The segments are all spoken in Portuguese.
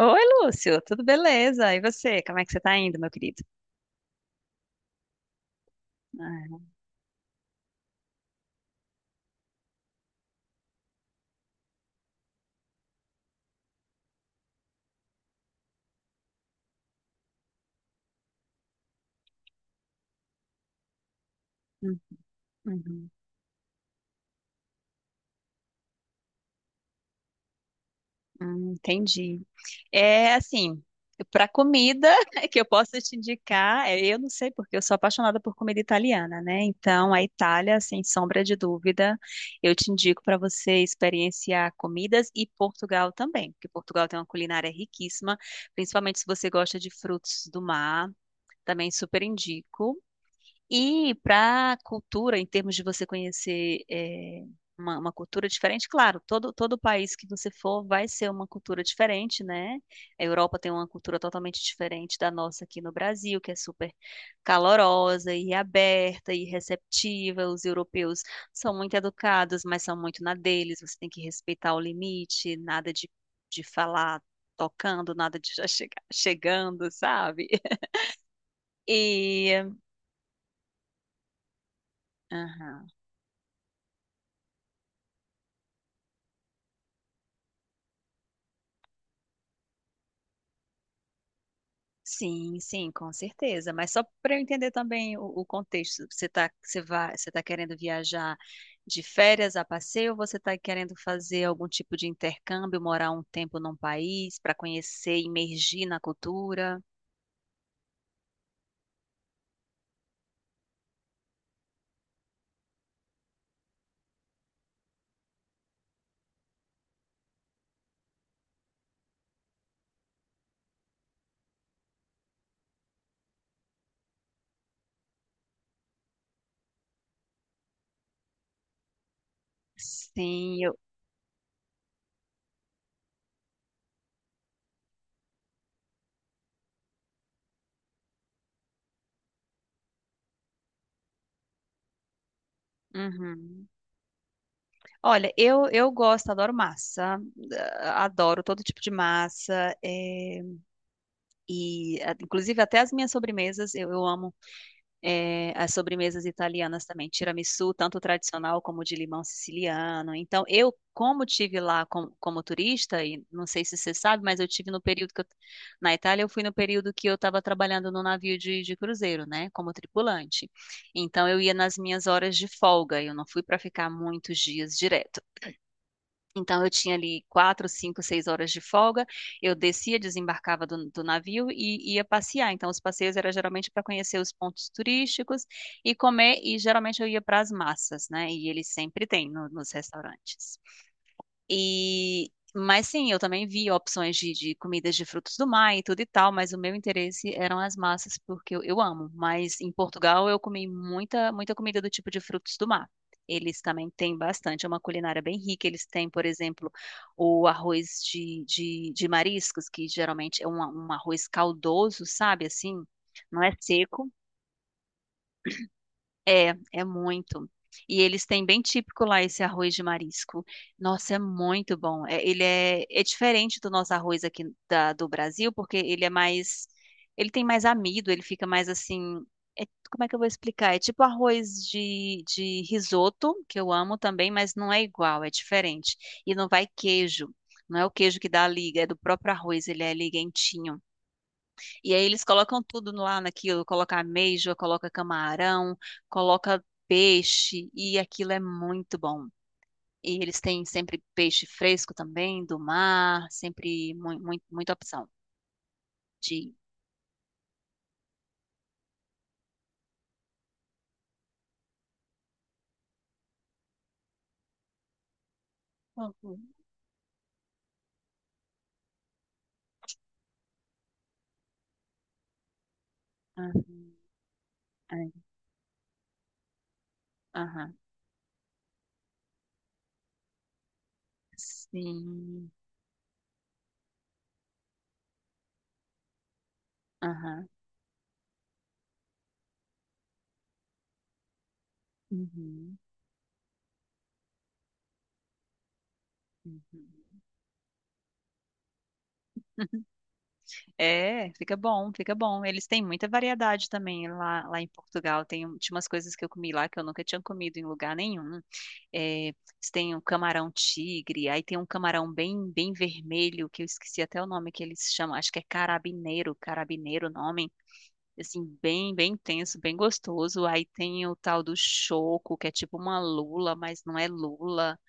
Oi, Lúcio, tudo beleza? E você, como é que você tá indo, meu querido? Ah. Hum. Uhum. Hum, entendi. É assim, para comida que eu posso te indicar, é, eu não sei porque eu sou apaixonada por comida italiana, né? Então, a Itália, sem sombra de dúvida, eu te indico para você experienciar comidas e Portugal também, porque Portugal tem uma culinária riquíssima, principalmente se você gosta de frutos do mar, também super indico. E para a cultura, em termos de você conhecer uma cultura diferente, claro, todo país que você for vai ser uma cultura diferente, né? A Europa tem uma cultura totalmente diferente da nossa aqui no Brasil, que é super calorosa e aberta e receptiva. Os europeus são muito educados, mas são muito na deles. Você tem que respeitar o limite, nada de falar tocando, nada de já chegar, chegando, sabe? E. Aham. Sim, sim, com certeza. Mas só para eu entender também o contexto, você tá querendo viajar de férias a passeio ou você está querendo fazer algum tipo de intercâmbio, morar um tempo num país para conhecer, imergir na cultura? Sim, eu. Uhum. Olha, eu gosto, adoro massa, ah, adoro todo tipo de massa, é, e ah, inclusive até as minhas sobremesas, eu amo é, as sobremesas italianas também, tiramisu, tanto tradicional como de limão siciliano. Então, eu, como tive lá como turista, e não sei se você sabe, mas eu tive no período que na Itália, eu fui no período que eu estava trabalhando no navio de cruzeiro, né, como tripulante. Então, eu ia nas minhas horas de folga, eu não fui para ficar muitos dias direto. Então, eu tinha ali 4, 5, 6 horas de folga. Eu descia, desembarcava do navio e ia passear. Então, os passeios era geralmente para conhecer os pontos turísticos e comer. E geralmente eu ia para as massas, né? E eles sempre têm nos restaurantes. E, mas sim, eu também vi opções de comidas de frutos do mar e tudo e tal, mas o meu interesse eram as massas, porque eu amo. Mas em Portugal eu comi muita, muita comida do tipo de frutos do mar. Eles também têm bastante, é uma culinária bem rica. Eles têm, por exemplo, o arroz de mariscos, que geralmente é um arroz caldoso, sabe? Assim, não é seco é muito. E eles têm bem típico lá esse arroz de marisco. Nossa, é muito bom. É, ele é diferente do nosso arroz aqui do Brasil, porque ele é mais, ele tem mais amido, ele fica mais assim, é- como é que eu vou explicar? É tipo arroz de risoto, que eu amo também, mas não é igual, é diferente. E não vai queijo. Não é o queijo que dá a liga, é do próprio arroz, ele é liguentinho. E aí eles colocam tudo lá naquilo, coloca ameijoa, coloca camarão, coloca peixe, e aquilo é muito bom. E eles têm sempre peixe fresco também, do mar, sempre muita opção de. Uhum. Aham, aham, sim, aham, uhum, uhum. É, fica bom, fica bom. Eles têm muita variedade também lá, lá em Portugal. Tinha umas coisas que eu comi lá que eu nunca tinha comido em lugar nenhum. É, eles têm um camarão tigre, aí tem um camarão bem, bem vermelho, que eu esqueci até o nome que eles chamam, acho que é carabineiro, carabineiro o nome. Assim, bem, bem intenso, bem gostoso. Aí tem o tal do choco, que é tipo uma lula, mas não é lula.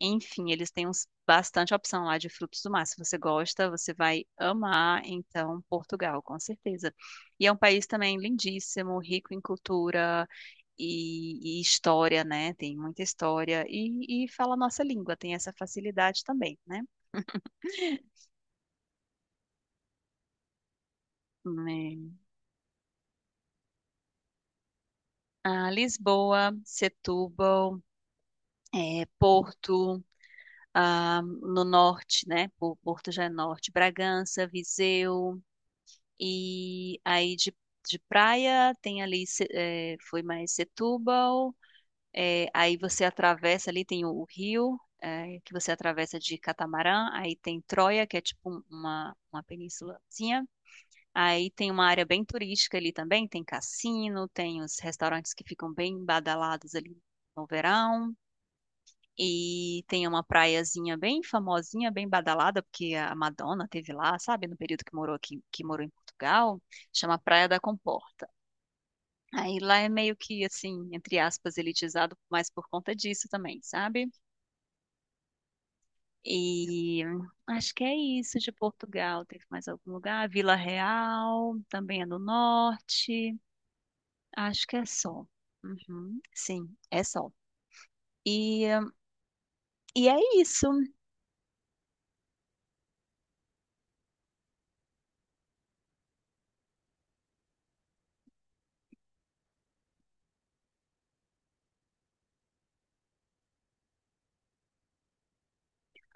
Enfim, eles têm bastante opção lá de frutos do mar. Se você gosta, você vai amar, então, Portugal, com certeza. E é um país também lindíssimo, rico em cultura e história, né? Tem muita história e fala a nossa língua, tem essa facilidade também, né? É. Ah, Lisboa, Setúbal, Porto, ah, no norte, né? Porto já é norte, Bragança, Viseu. E aí de praia tem ali, foi mais Setúbal, aí você atravessa ali, tem o rio, que você atravessa de catamarã, aí tem Troia, que é tipo uma penínsulazinha, aí tem uma área bem turística ali também, tem cassino, tem os restaurantes que ficam bem badalados ali no verão, e tem uma praiazinha bem famosinha, bem badalada, porque a Madonna teve lá, sabe, no período que morou aqui, que morou em Portugal, chama Praia da Comporta. Aí lá é meio que assim, entre aspas, elitizado, mas por conta disso também, sabe? E acho que é isso de Portugal. Teve mais algum lugar? Vila Real, também é no norte. Acho que é só. Uhum, sim, é só. E, hum, e é isso.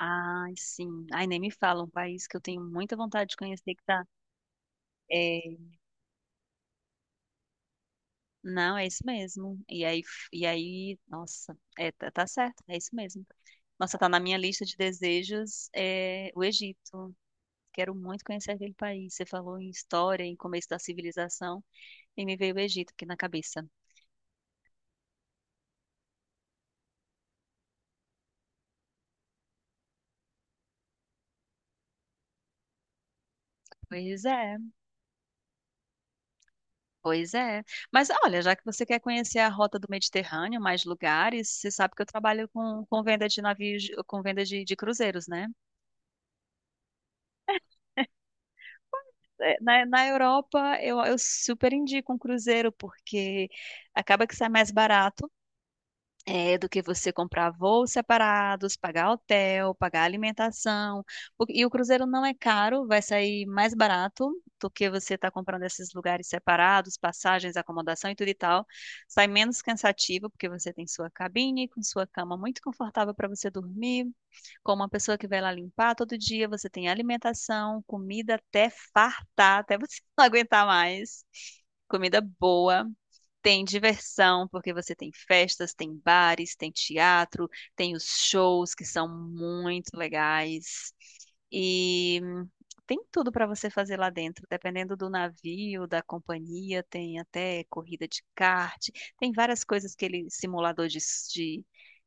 Ai, sim. Ai, nem me fala, um país que eu tenho muita vontade de conhecer que tá. É. Não, é isso mesmo. E aí, nossa, tá certo, é isso mesmo. Nossa, tá na minha lista de desejos, o Egito. Quero muito conhecer aquele país. Você falou em história, em começo da civilização, e me veio o Egito aqui na cabeça. Pois é, pois é. Mas olha, já que você quer conhecer a rota do Mediterrâneo, mais lugares, você sabe que eu trabalho com venda de navios, com venda de cruzeiros, né? Na Europa eu super indico um cruzeiro, porque acaba que sai mais barato do que você comprar voos separados, pagar hotel, pagar alimentação. E o cruzeiro não é caro, vai sair mais barato do que você está comprando esses lugares separados, passagens, acomodação e tudo e tal. Sai menos cansativo, porque você tem sua cabine, com sua cama muito confortável para você dormir, com uma pessoa que vai lá limpar todo dia, você tem alimentação, comida até fartar, até você não aguentar mais. Comida boa tem diversão, porque você tem festas, tem bares, tem teatro, tem os shows que são muito legais. E tem tudo para você fazer lá dentro, dependendo do navio, da companhia, tem até corrida de kart, tem várias coisas que ele simulador de, s- de,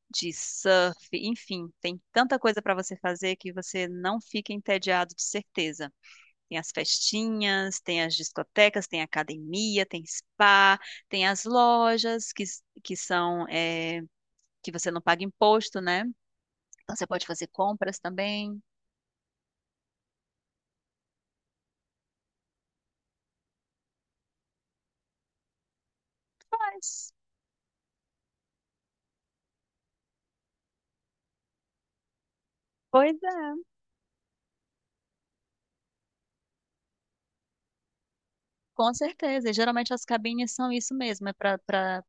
de surf, enfim, tem tanta coisa para você fazer que você não fica entediado de certeza. Tem as festinhas, tem as discotecas, tem academia, tem spa, tem as lojas que são que você não paga imposto, né? Então você pode fazer compras também. Mas. Pois é. Com certeza, e geralmente as cabines são isso mesmo, é para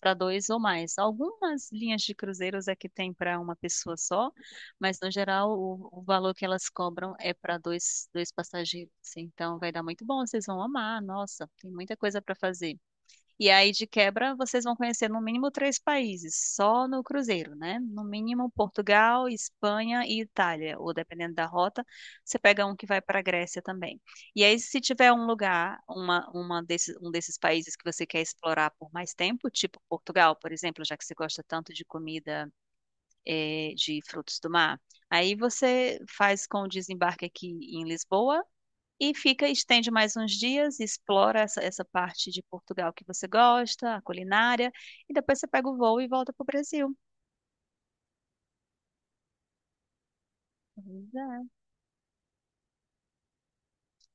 para dois ou mais. Algumas linhas de cruzeiros é que tem para uma pessoa só, mas no geral o valor que elas cobram é para dois, dois passageiros, assim. Então vai dar muito bom, vocês vão amar. Nossa, tem muita coisa para fazer. E aí, de quebra, vocês vão conhecer no mínimo três países, só no cruzeiro, né? No mínimo Portugal, Espanha e Itália, ou dependendo da rota, você pega um que vai para a Grécia também. E aí, se tiver um lugar, um desses países que você quer explorar por mais tempo, tipo Portugal, por exemplo, já que você gosta tanto de comida, de frutos do mar, aí você faz com o desembarque aqui em Lisboa e fica, estende mais uns dias, explora essa parte de Portugal que você gosta, a culinária, e depois você pega o voo e volta para o Brasil. Pois é.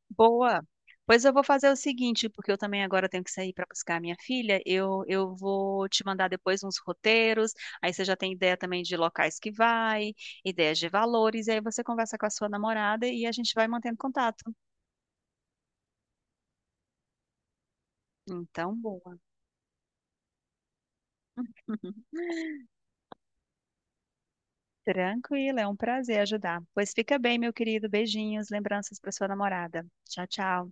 Boa! Pois eu vou fazer o seguinte, porque eu também agora tenho que sair para buscar a minha filha. Eu vou te mandar depois uns roteiros, aí você já tem ideia também de locais que vai, ideias de valores, e aí você conversa com a sua namorada e a gente vai mantendo contato. Então, boa. Tranquilo, é um prazer ajudar. Pois fica bem, meu querido. Beijinhos, lembranças para sua namorada. Tchau, tchau.